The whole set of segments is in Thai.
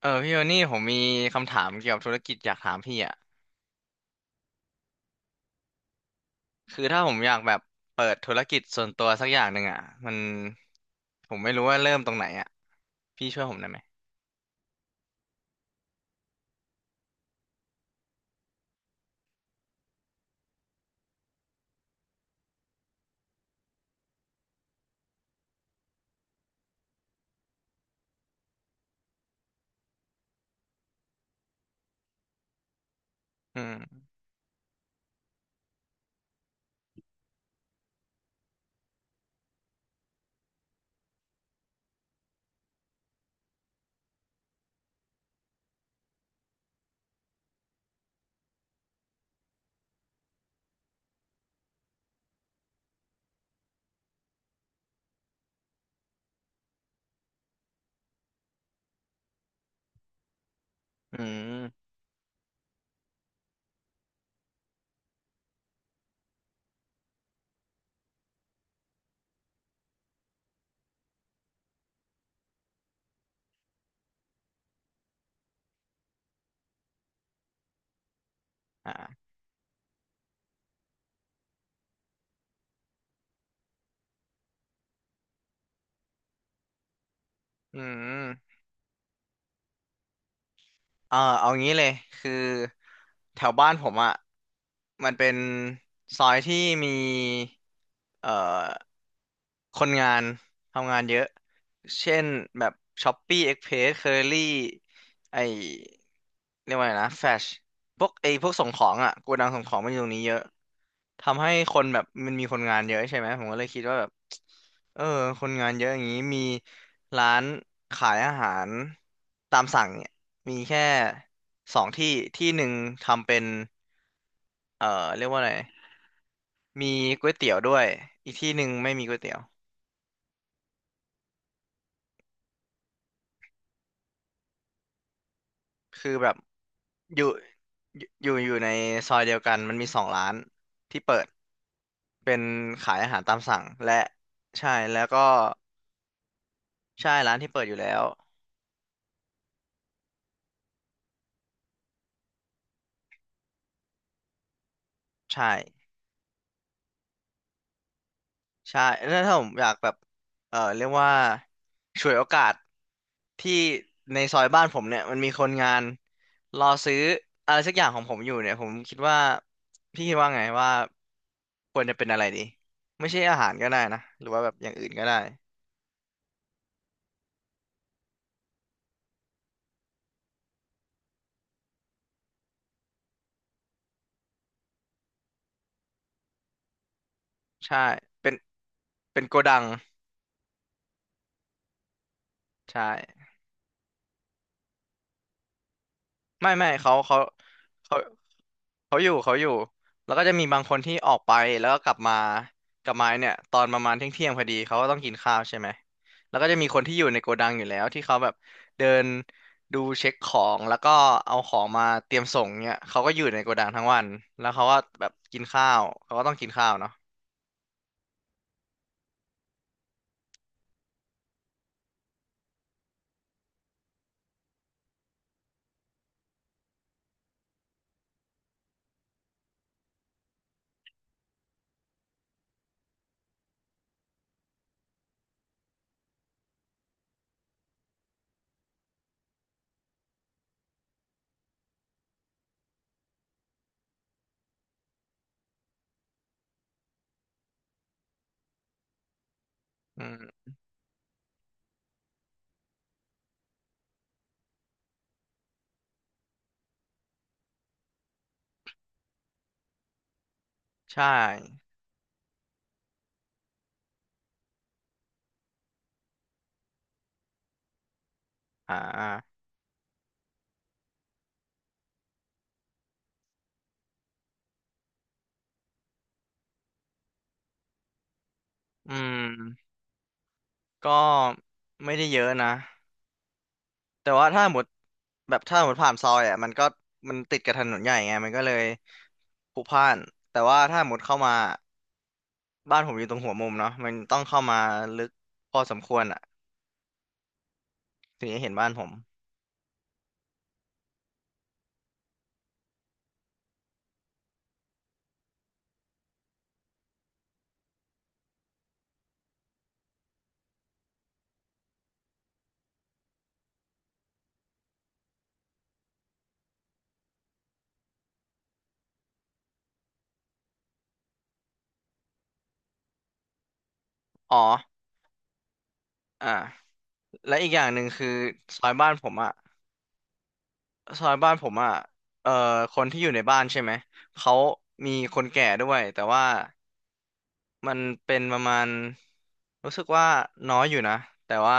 เออพี่โทนี่ผมมีคำถามเกี่ยวกับธุรกิจอยากถามพี่อ่ะคือถ้าผมอยากแบบเปิดธุรกิจส่วนตัวสักอย่างหนึ่งอ่ะมันผมไม่รู้ว่าเริ่มตรงไหนอ่ะพี่ช่วยผมได้ไหมอืมอืมอ่าอืมเออเอางี้เลยคือแถวบ้านผมอ่ะมันเป็นซอยที่มีเอ่อ คนงานทำงานเยอะ เช่นแบบช้อปปี้เอ็กเพรสเคอรี่ไอเรียกว่าไงนะแฟชพวกไอพวกส่งของอ่ะโกดังส่งของมันอยู่ตรงนี้เยอะทำให้คนแบบมันมีคนงานเยอะใช่ไหมผมก็เลยคิดว่าแบบเออคนงานเยอะอย่างนี้มีร้านขายอาหารตามสั่งเนี่ยมีแค่สองที่ที่หนึ่งทำเป็นเอ่อเรียกว่าอะไรมีก๋วยเตี๋ยวด้วยอีกที่หนึ่งไม่มีก๋วยเตี๋ยวคือแบบ อยู่อยู่ในซอยเดียวกันมันมีสองร้านที่เปิดเป็นขายอาหารตามสั่งและใช่แล้วก็ใช่ร้านที่เปิดอยู่แล้วใช่ใช่แล้วถ้าผมอยากแบบเออเรียกว่าฉวยโอกาสที่ในซอยบ้านผมเนี่ยมันมีคนงานรอซื้ออะไรสักอย่างของผมอยู่เนี่ยผมคิดว่าพี่คิดว่าไงว่าควรจะเป็นอะไรดีไม่ใช่อาหารก็ได้นะหรือว่าแบบอย่างอื่นก็ได้ใช่เป็นเป็นโกดัง ใช่ไม่ไม่เขาเขาเขาเขาอยู่เขาอยู่แล้วก็จะมีบางคนที่ออกไปแล้วก็กลับมากลับมาเนี่ยตอนประมาณเที่ยงเที่ยงพอดีเขาก็ต้องกินข้าวใช่ไหมแล้วก็จะมีคนที่อยู่ในโกดังอยู่แล้วที่เขาแบบเดินดูเช็คของแล้วก็เอาของมาเตรียมส่งเนี่ยเขาก็อยู่ในโกดังทั้งวันแล้วเขาก็แบบกินข้าวเขาก็ต้องกินข้าวเนาะอืมใช่อ่าอืมก็ไม่ได้เยอะนะ แต่ว่าถ้าหมดแบบถ้าหมดผ่านซอยอ่ะมันก็มันติดกับถนนใหญ่ไงมันก็เลยพลุกพล่านแต่ว่าถ้าหมดเข้ามาบ้านผมอยู่ตรงหัวมุมเนาะมันต้องเข้ามาลึกพอสมควรอ่ะถึงจะเห็นบ้านผมอ๋ออ่าและอีกอย่างหนึ่งคือซอยบ้านผมอ่ะซอยบ้านผมอ่ะเอ่อคนที่อยู่ในบ้านใช่ไหมเขามีคนแก่ด้วยแต่ว่า มันเป็นประมาณรู้สึกว่าน้อยอยู่นะแต่ว่า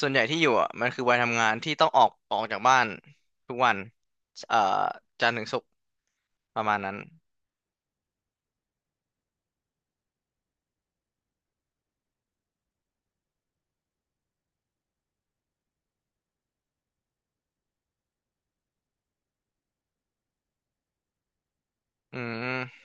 ส่วนใหญ่ที่อยู่อ่ะมันคือวัยทำงานที่ต้องออกจากบ้านทุกวันเอ่อจันทร์ถึงศุกร์ประมาณนั้นอืม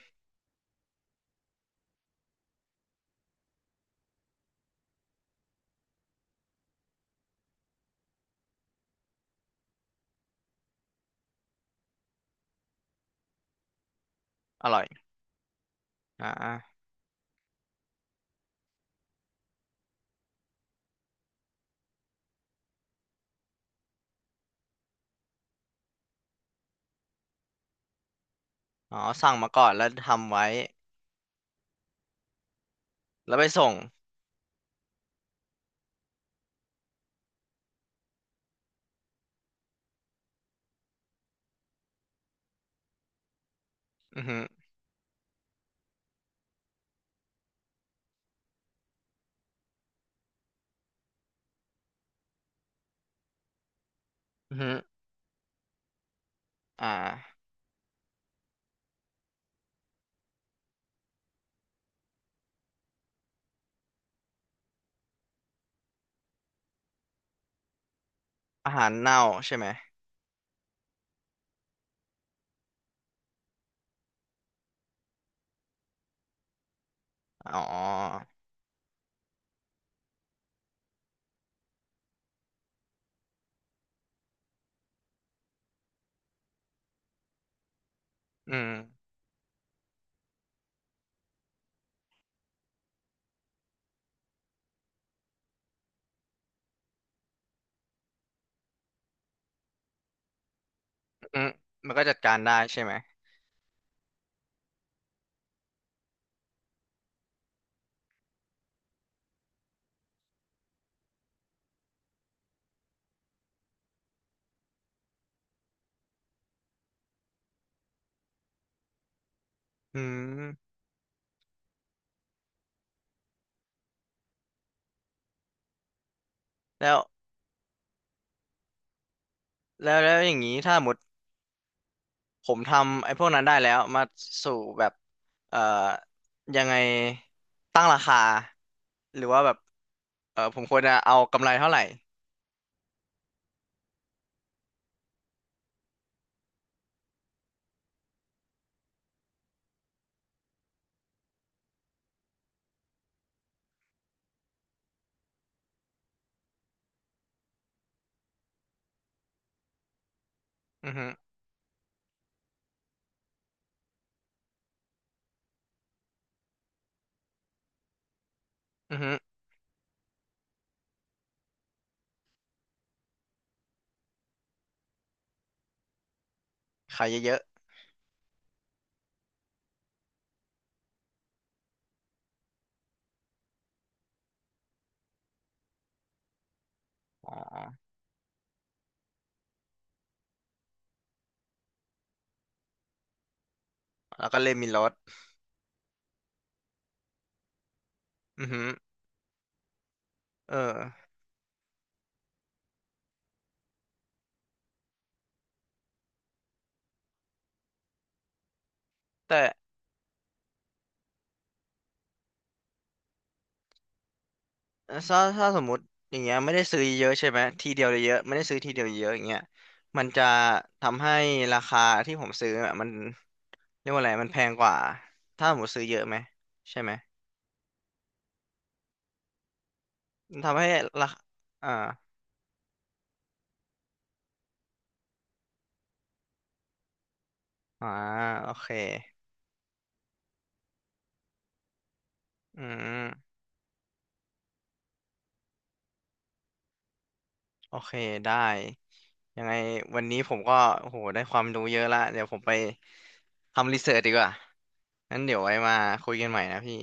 อร่อยอ่าอ๋อสั่งมาก่อนแล้วทำไว้แล้วไปส่งอือฮึอือฮึอ่าอาหารเน่าใช่ไหมอ๋ออืมอืมมันก็จัดการได้ใช่ไหมอืมแล้วแล้วอย่างนี้ถ้าหมด ผมทำไอ้พวกนั้นได้แล้วมาสู่แบบเอ่อยังไงตั้งราคาหรือว่าแบบเออผมควรจะเอากำไรเท่าไหร่อือฮึอือฮึขายเยอะๆอ๋อแล้วก็เลยมีลดอือฮึเออแต่ถ้าสมมุติอย่างเงี้ยไม่ได้ซื้อเยอะใช่ไหมทีเดียวเลยเยอะไม่ได้ซื้อทีเดียวเยอะอย่างเงี้ยมันจะทำให้ราคาที่ผมซื้ออะมันเรียกว่าอะไรมันแพงกว่าถ้าผมมุติซื้อเยอะไหมใช่ไหมมันทำให้ราคาอ่า อ่าโอเคอืมโอเคได้ยังไงวันนี้ผมก็โอ้โหได้ความรู้เยอะละเดี๋ยวผมไปทำรีเสิร์ชดีกว่างั้นเดี๋ยวไว้มาคุยกันใหม่นะพี่